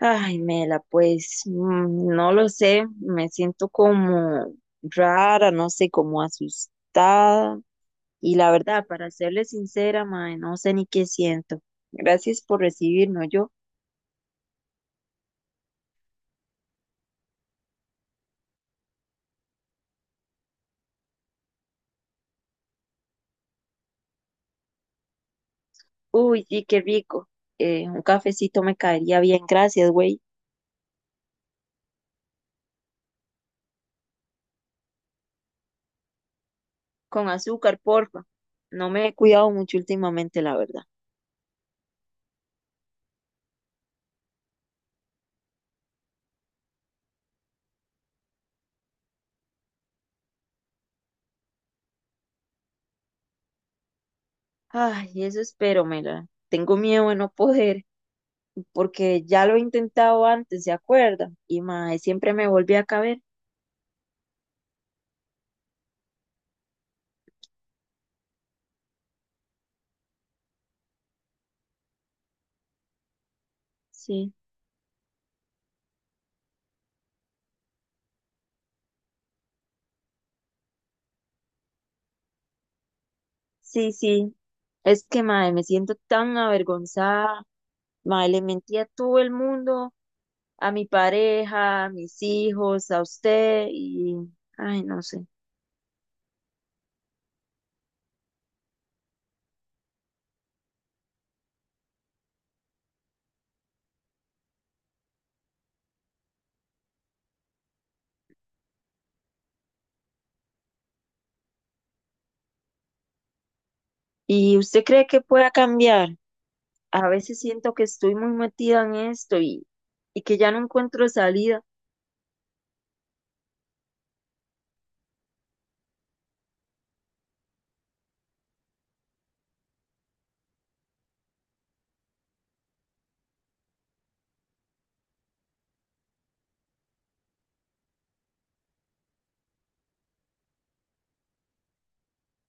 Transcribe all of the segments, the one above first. Ay, Mela, pues no lo sé, me siento como rara, no sé, como asustada. Y la verdad, para serle sincera, mae, no sé ni qué siento. Gracias por recibirme, yo. Uy, sí, qué rico. Un cafecito me caería bien, gracias, güey. Con azúcar, porfa. No me he cuidado mucho últimamente, la verdad. Ay, eso espero, Mela. Tengo miedo de no poder, porque ya lo he intentado antes, ¿se acuerda? Y mae, siempre me volví a caber. Sí, sí, sí. Es que mae, me siento tan avergonzada. Mae, le mentí a todo el mundo, a mi pareja, a mis hijos, a usted y, ay, no sé. ¿Y usted cree que pueda cambiar? A veces siento que estoy muy metida en esto y que ya no encuentro salida.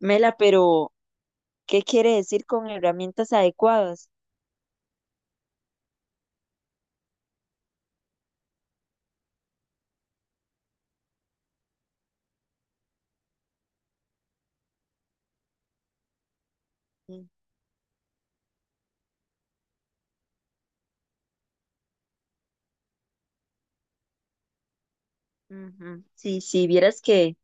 Mela, pero ¿qué quiere decir con herramientas adecuadas? Ujú. Sí, sí, vieras que,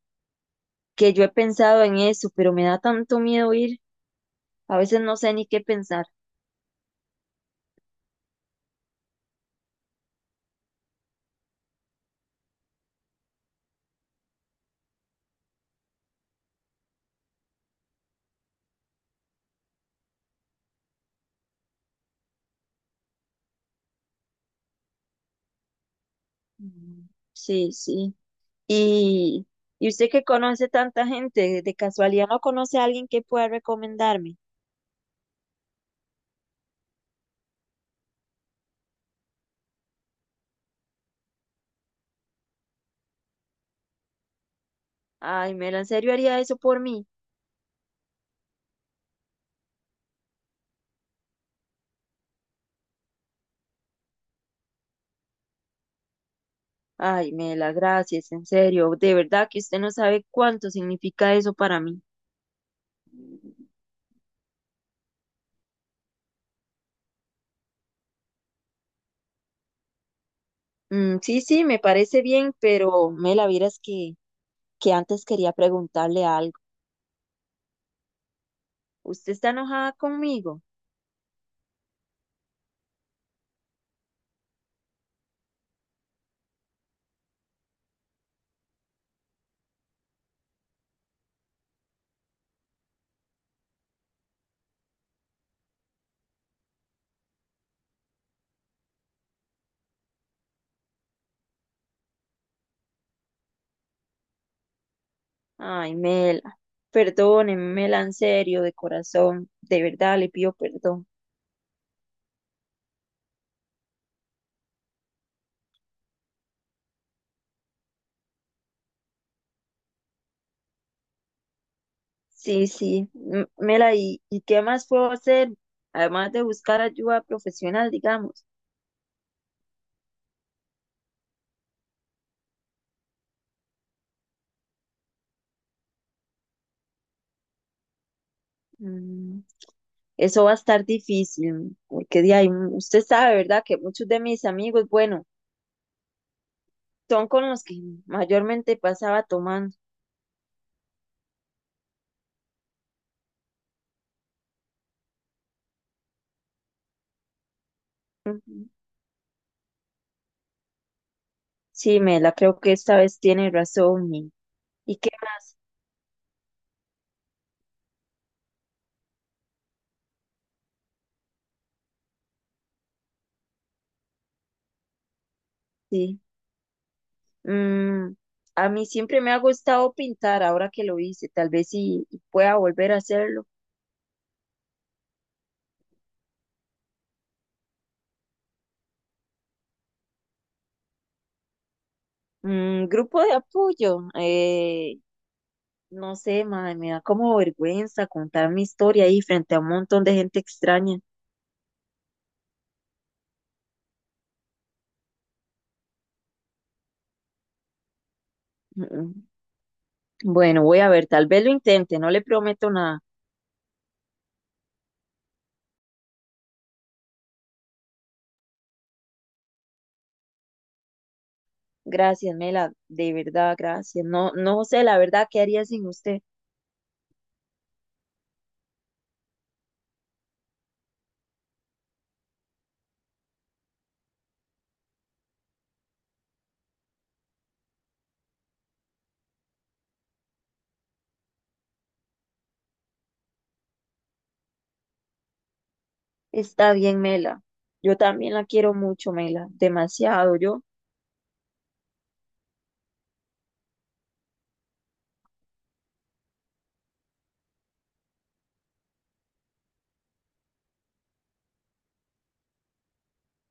que yo he pensado en eso, pero me da tanto miedo ir. A veces no sé ni qué pensar. Mm. Sí, sí. ¿Y, y usted que conoce tanta gente, de casualidad no conoce a alguien que pueda recomendarme? Ay, Mela, ¿en serio haría eso por mí? Ay, Mela, gracias, en serio. De verdad que usted no sabe cuánto significa eso para mí. Sí, sí, me parece bien, pero Mela, vieras que antes quería preguntarle algo. ¿Usted está enojada conmigo? Ay, Mela, perdóneme, Mela, en serio, de corazón, de verdad le pido perdón. Sí, sí, Mela, ¿y qué más puedo hacer? Además de buscar ayuda profesional, digamos. Mm, Eso va a estar difícil, porque de ahí, usted sabe, ¿verdad? Que muchos de mis amigos, bueno, son con los que mayormente pasaba tomando. Ujú. Sí, Mela, creo que esta vez tiene razón. ¿Y qué más? Sí. Mm, a mí siempre me ha gustado pintar, ahora que lo hice, tal vez sí pueda volver a hacerlo. Grupo de apoyo, no sé, mae, me da como vergüenza contar mi historia ahí frente a un montón de gente extraña. Mm, Bueno, voy a ver, tal vez lo intente, no le prometo nada. Gracias, Mela, de verdad, gracias. No, no sé, la verdad, ¿qué haría sin usted? Está bien, Mela. Yo también la quiero mucho, Mela, demasiado yo.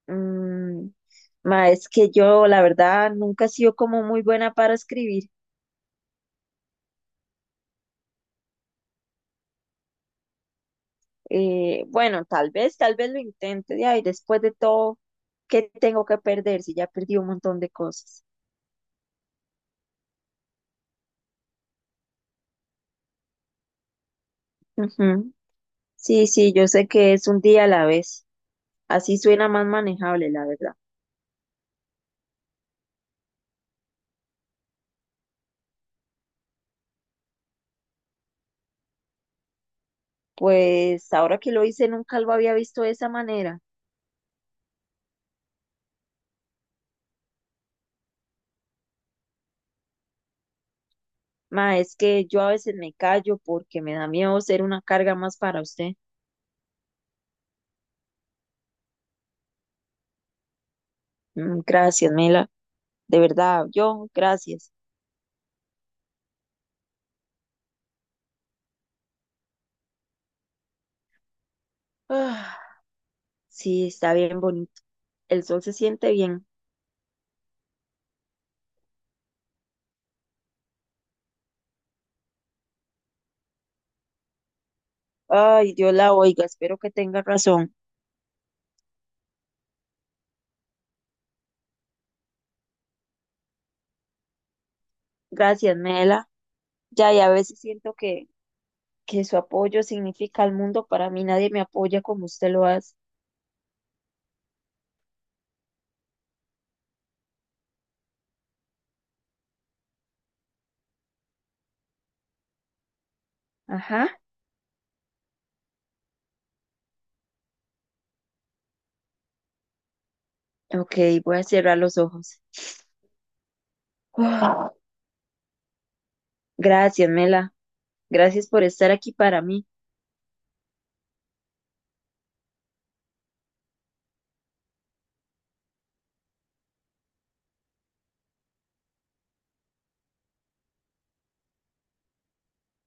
Mm, Ma, es que yo, la verdad, nunca he sido como muy buena para escribir. Bueno, tal vez lo intente, ya, y después de todo, ¿qué tengo que perder si ya perdí un montón de cosas? Ujú. Sí, sí, yo sé que es un día a la vez. Así suena más manejable, la verdad. Pues ahora que lo hice, nunca lo había visto de esa manera. Ma, es que yo a veces me callo porque me da miedo ser una carga más para usted. Gracias, Mela. De verdad, yo, gracias. Ah, sí, está bien bonito. El sol se siente bien. Ay, Dios la oiga, espero que tenga razón. Gracias, Mela. Ya, y a veces siento que su apoyo significa al mundo. Para mí nadie me apoya como usted lo hace. Ajá. Ok, voy a cerrar los ojos. Ah, gracias, Mela. Gracias por estar aquí para mí.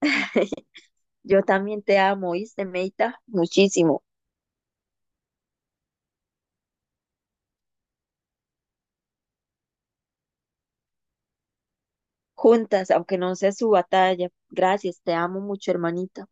Yo también te amo, ¿oíste, Meita? Muchísimo. Juntas, aunque no sea su batalla. Gracias, te amo mucho, hermanita.